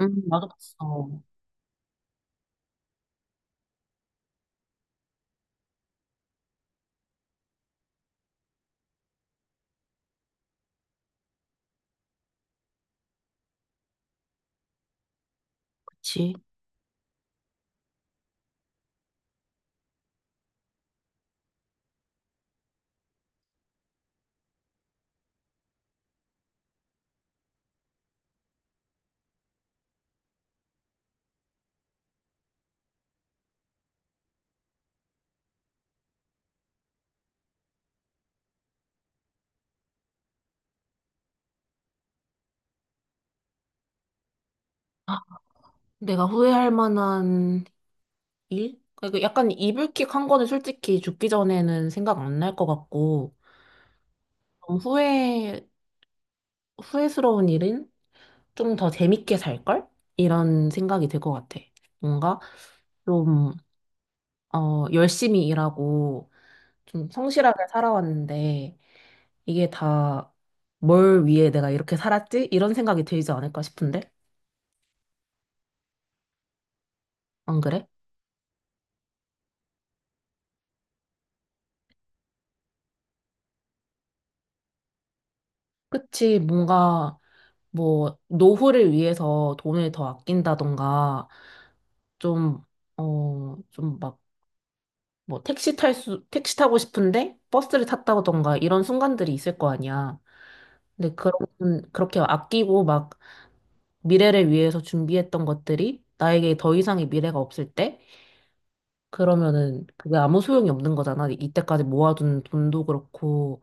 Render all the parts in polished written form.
나도 봤어. 그치. 아, 내가 후회할 만한 일? 그러니까 약간 이불킥 한 거는 솔직히 죽기 전에는 생각 안 날 것 같고, 좀 후회스러운 일은 좀 더 재밌게 살걸? 이런 생각이 들 것 같아. 뭔가 좀, 열심히 일하고, 좀 성실하게 살아왔는데, 이게 다 뭘 위해 내가 이렇게 살았지? 이런 생각이 들지 않을까 싶은데? 안 그래? 그치, 뭔가, 뭐, 노후를 위해서 돈을 더 아낀다던가, 좀, 좀 막, 뭐, 택시 타고 싶은데 버스를 탔다던가 이런 순간들이 있을 거 아니야. 근데 그렇게 아끼고 막 미래를 위해서 준비했던 것들이 나에게 더 이상의 미래가 없을 때, 그러면은 그게 아무 소용이 없는 거잖아. 이때까지 모아둔 돈도 그렇고,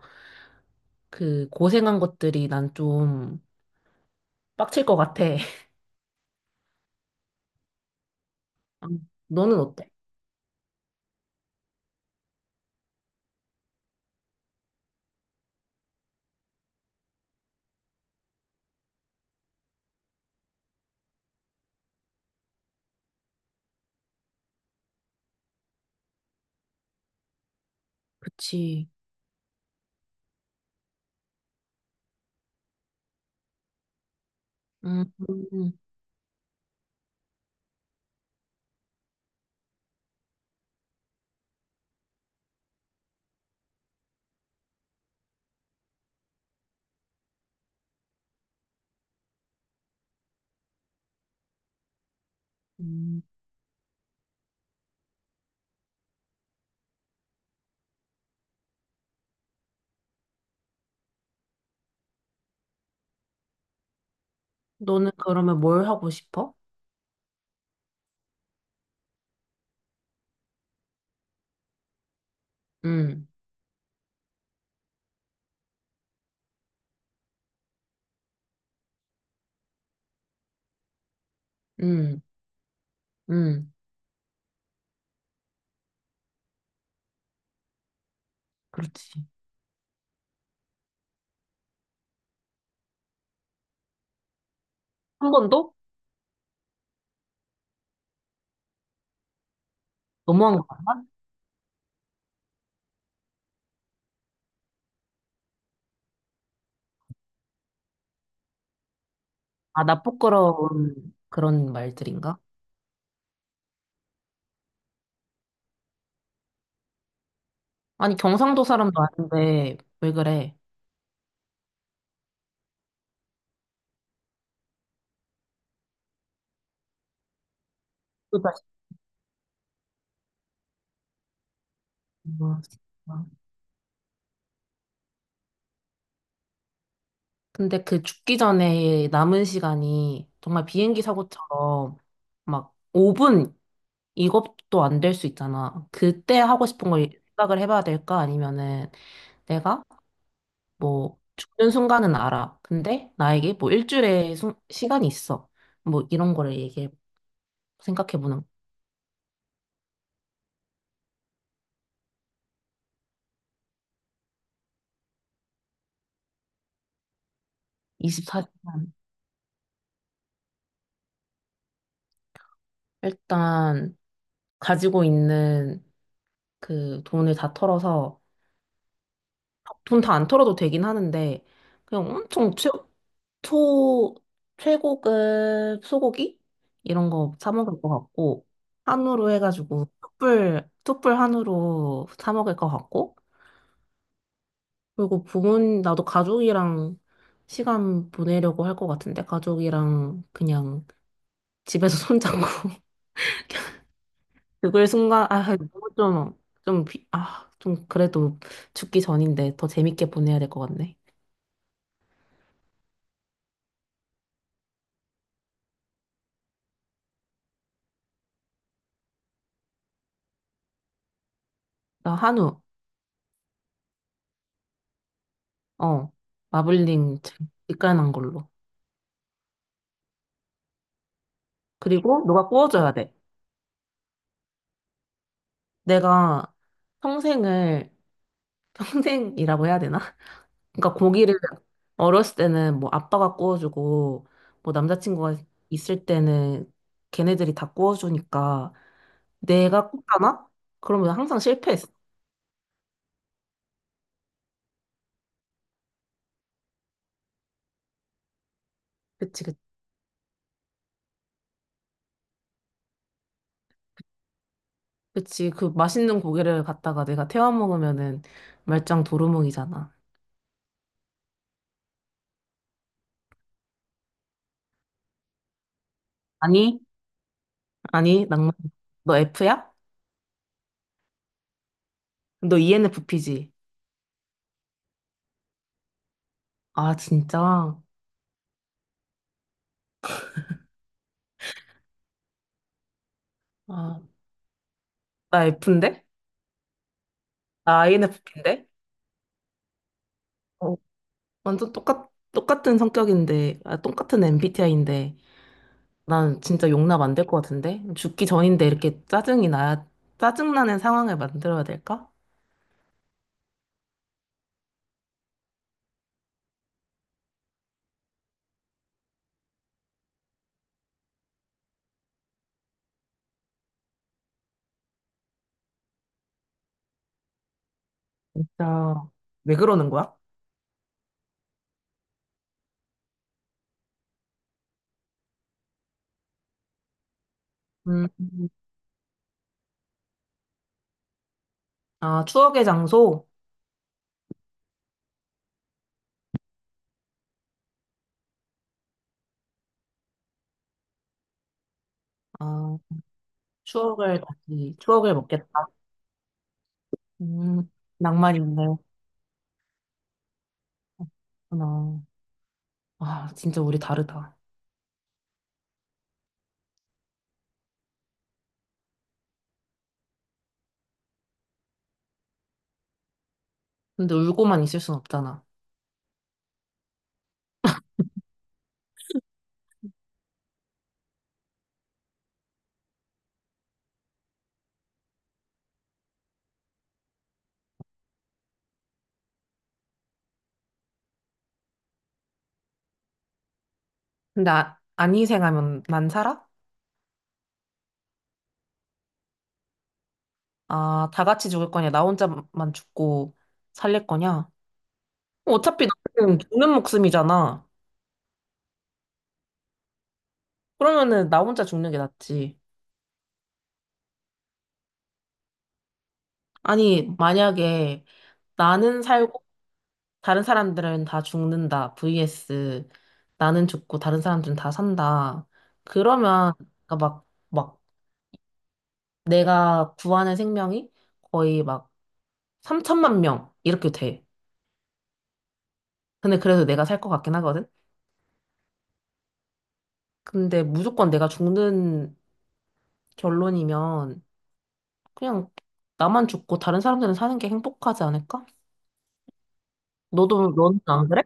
그 고생한 것들이 난 좀 빡칠 것 같아. 너는 어때? 그치. 음. 음, 너는 그러면 뭘 하고 싶어? 응 응 응 그렇지. 한 번도? 너무한 거 같나? 아, 나 부끄러운 그런 말들인가? 아니, 경상도 사람도 아닌데, 왜 그래? 그다 진짜. 근데 그 죽기 전에 남은 시간이 정말 비행기 사고처럼 막 5분 이것도 안 될 수 있잖아. 그때 하고 싶은 걸 생각을 해봐야 될까? 아니면은 내가 뭐 죽는 순간은 알아. 근데 나에게 뭐 일주일의 시간이 있어. 뭐 이런 거를 얘기해 생각해보는 24시간. 일단 가지고 있는 그 돈을 다 털어서 돈 다 안 털어도 되긴 하는데 그냥 엄청 초 최고급 소고기 이런 거 사 먹을 것 같고 한우로 해가지고 툭불 툭불 한우로 사 먹을 것 같고 그리고 나도 가족이랑 시간 보내려고 할 것 같은데, 가족이랑 그냥 집에서 손잡고. 그걸 순간, 아, 너무 좀, 아, 좀 그래도 죽기 전인데 더 재밌게 보내야 될 것 같네. 나 한우, 어, 마블링 참 직관한 걸로. 그리고 누가 구워줘야 돼. 내가 평생을, 평생이라고 해야 되나? 그러니까 고기를 어렸을 때는 뭐 아빠가 구워주고 뭐 남자친구가 있을 때는 걔네들이 다 구워주니까 내가 굽잖아? 그러면 항상 실패했어. 그치, 그치. 그치. 그 맛있는 고기를 갖다가 내가 태워 먹으면은 말짱 도루묵이잖아. 아니, 아니, 낭만. 너 F야? 너 ENFP지? 아, 진짜? 아, 나 F인데? 나 INFP인데? 어, 완전 똑같은 성격인데, 아, 똑같은 MBTI인데. 난 진짜 용납 안 될 것 같은데? 죽기 전인데 이렇게 짜증이 나야, 짜증나는 상황을 만들어야 될까? 진짜, 왜 그러는 거야? 음, 아, 추억의 장소? 아, 추억을 먹겠다. 음, 낭만이 있네. 그렇구나. 아, 진짜 우리 다르다. 근데 울고만 있을 순 없잖아. 근데 아, 안 희생하면 난 살아? 아, 다 같이 죽을 거냐? 나 혼자만 죽고 살릴 거냐? 어차피 나는 죽는 목숨이잖아. 그러면은 나 혼자 죽는 게 낫지. 아니, 만약에 나는 살고 다른 사람들은 다 죽는다. vs 나는 죽고 다른 사람들은 다 산다. 그러면 그러니까 막 내가 구하는 생명이 거의 막 3천만 명 이렇게 돼. 근데 그래도 내가 살 것 같긴 하거든. 근데 무조건 내가 죽는 결론이면 그냥 나만 죽고 다른 사람들은 사는 게 행복하지 않을까? 너도 너는 안 그래?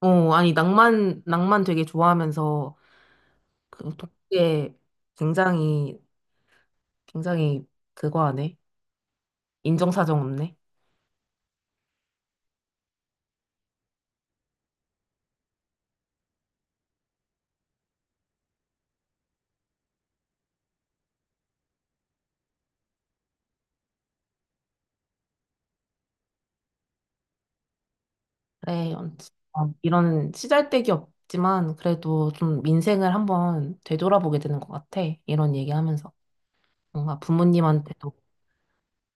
아니, 낭만, 낭만 되게 좋아하면서, 독해 굉장히, 굉장히 그거 하네. 인정사정 없네. 그래, 이런 시잘데기 없지만, 그래도 좀 민생을 한번 되돌아보게 되는 것 같아. 이런 얘기하면서. 뭔가 부모님한테도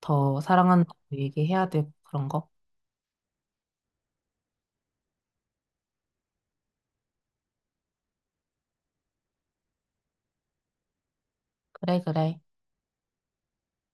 더 사랑한다고 얘기해야 되고, 그런 거. 그래, 그래.